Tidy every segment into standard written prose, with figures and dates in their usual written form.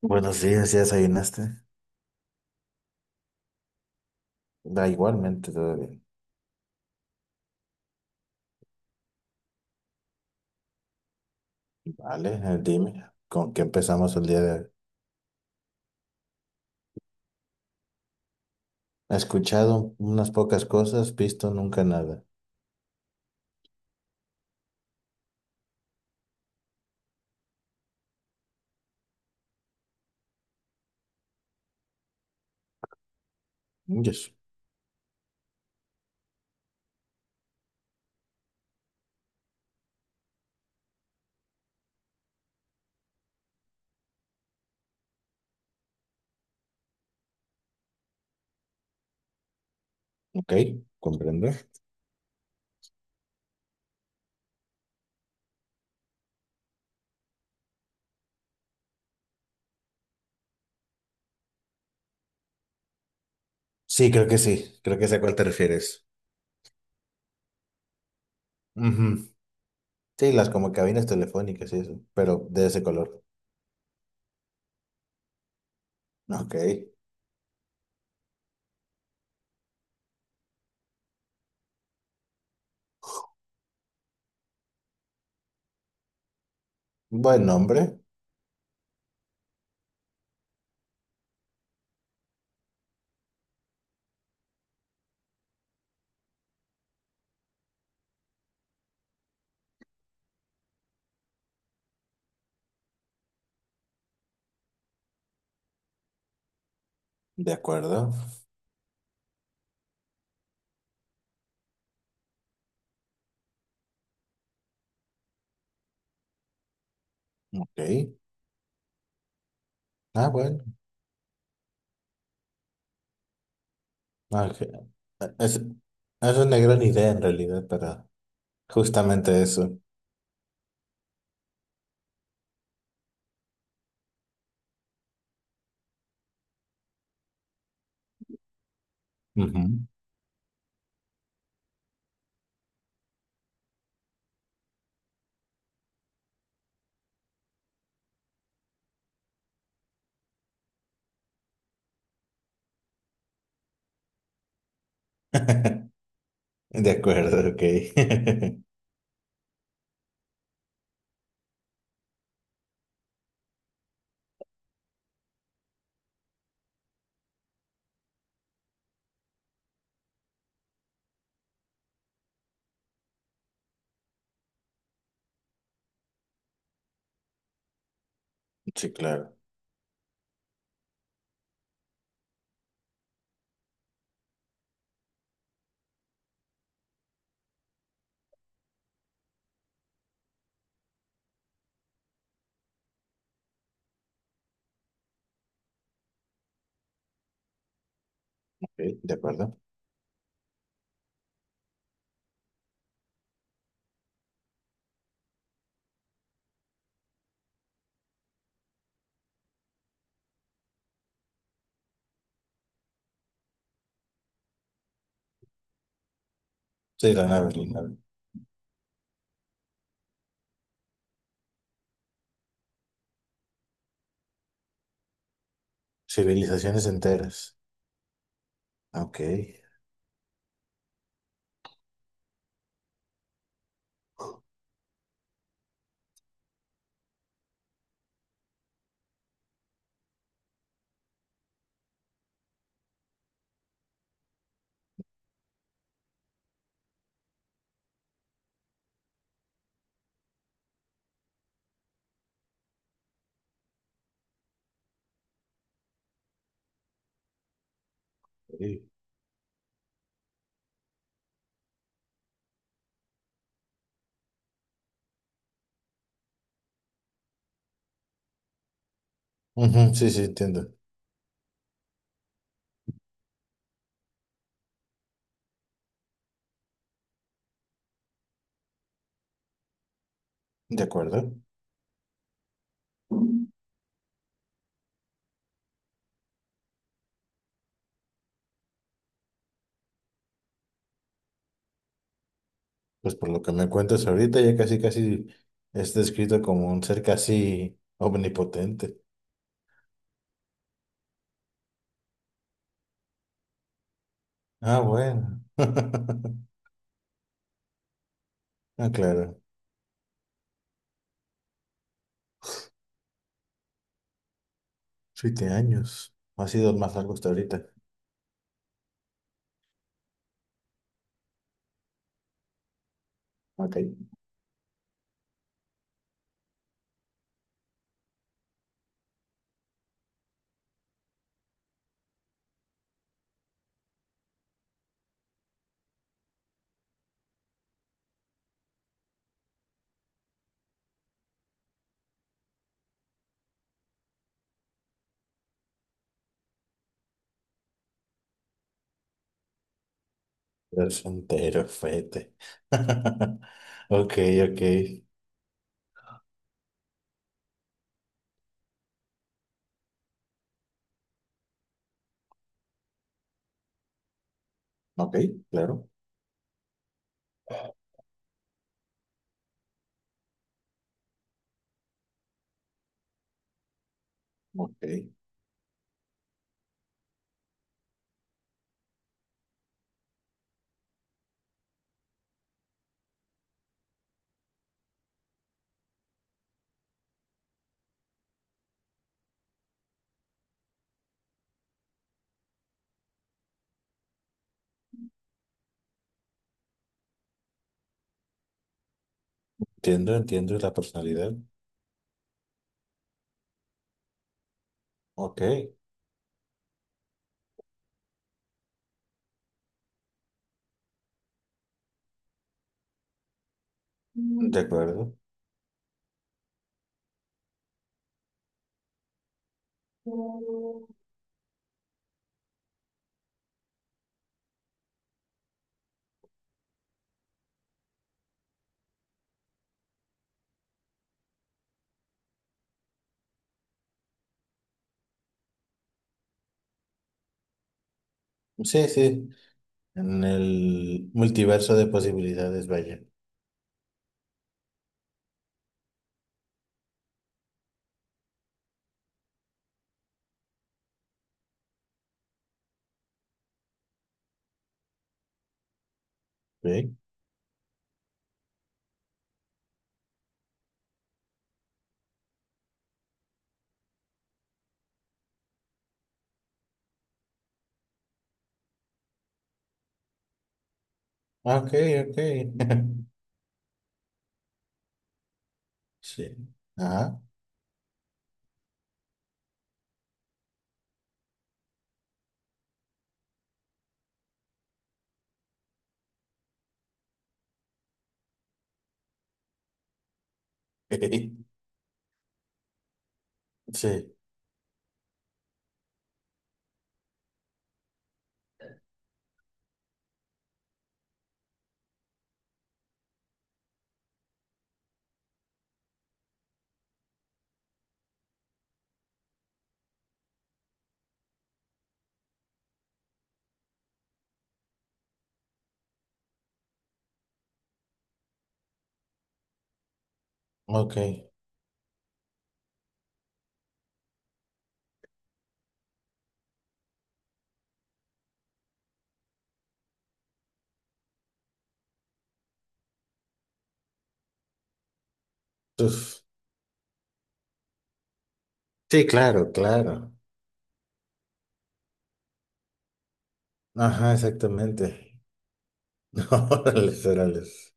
Buenos días, ¿ya desayunaste? Da igualmente, todo bien. Vale, Dime, ¿con qué empezamos el día de hoy? He escuchado unas pocas cosas, visto nunca nada. Yes. Ok, comprendo. Sí, creo que sé a cuál te refieres. Ujú. Sí, las como cabinas telefónicas y eso, pero de ese color. Ok, buen nombre, de acuerdo. Ok, ah, bueno. Ah, ok. Es, es una gran idea en realidad para justamente eso. Ujú. De acuerdo, ok. Sí, claro. Ok, de acuerdo. Sí, la nave, la nave. Civilizaciones enteras. Ah, ok, ok, ujú, sí, sí, entiendo. De acuerdo. Pues por lo que me cuentas ahorita, ya casi, casi es descrito como un ser casi omnipotente. Ah, bueno. Ah, claro. Siete años. Ha sido el más largo hasta ahorita. Ok. Es entero, fete. Ok, ok. Ok, claro. Ok, entiendo, entiendo la personalidad. Ok, de acuerdo. Sí, sí, en el multiverso de posibilidades, vaya. Sí. Ah, ok, ok. Sí. Ajá. Sí, ok. Uf. Sí, claro, claro. Ajá, exactamente. Órales, órales.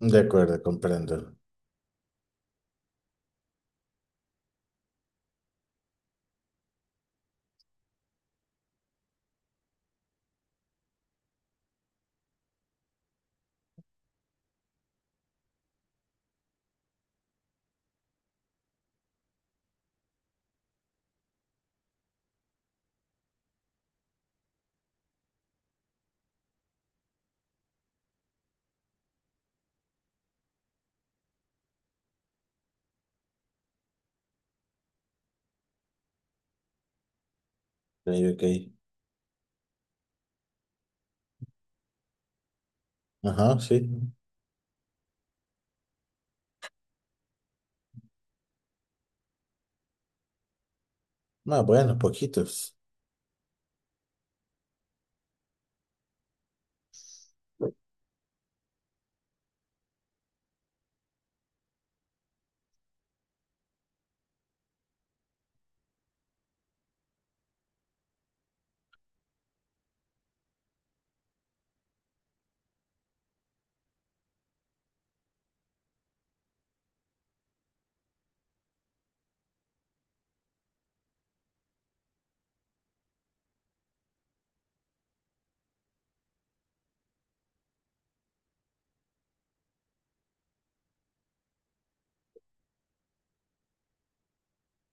De acuerdo, comprendo. Ok, ok. Ajá, sí. Ah, bueno, poquitos.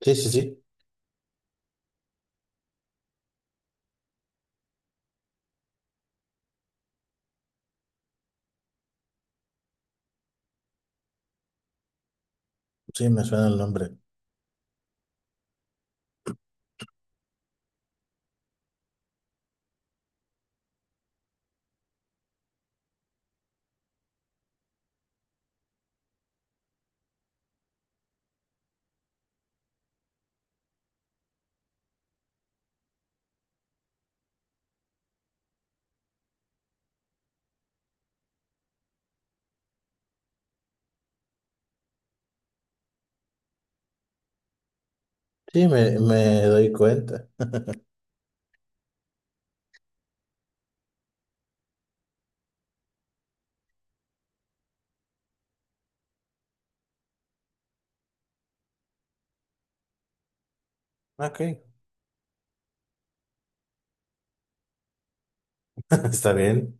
Sí, sí, sí. Sí, me suena el nombre. Sí, me doy cuenta. Ok, está bien.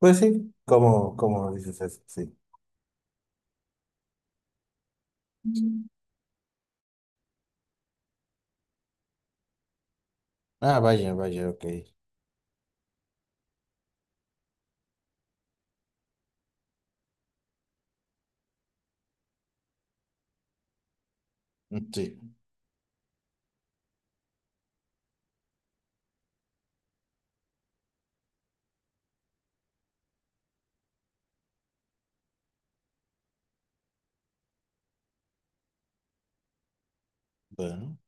Pues sí, como dices eso, sí. Mm. Ah, vaya, vaya, ok. Mm, sí, bueno,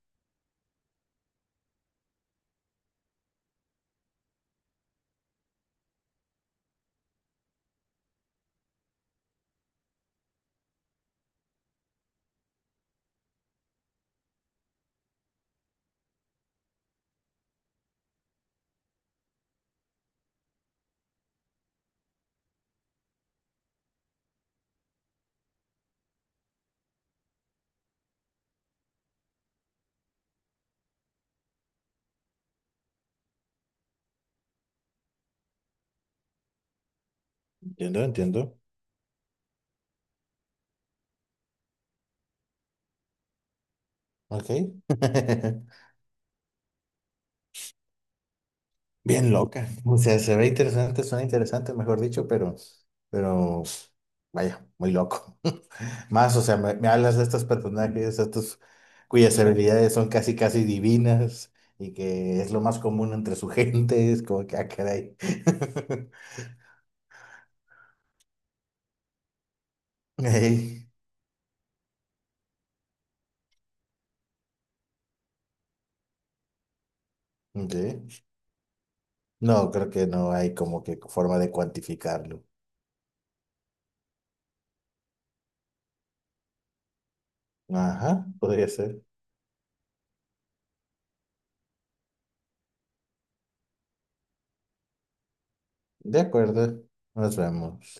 entiendo, entiendo. Ok. Bien loca. O sea, se ve interesante, suena interesante, mejor dicho, pero, vaya, muy loco. Más, o sea, me hablas de estos personajes, estos cuyas habilidades son casi, casi divinas y que es lo más común entre su gente, es como que, ah, caray. Ey, ok. No, creo que no hay como que forma de cuantificarlo. Ajá, podría ser. De acuerdo, nos vemos.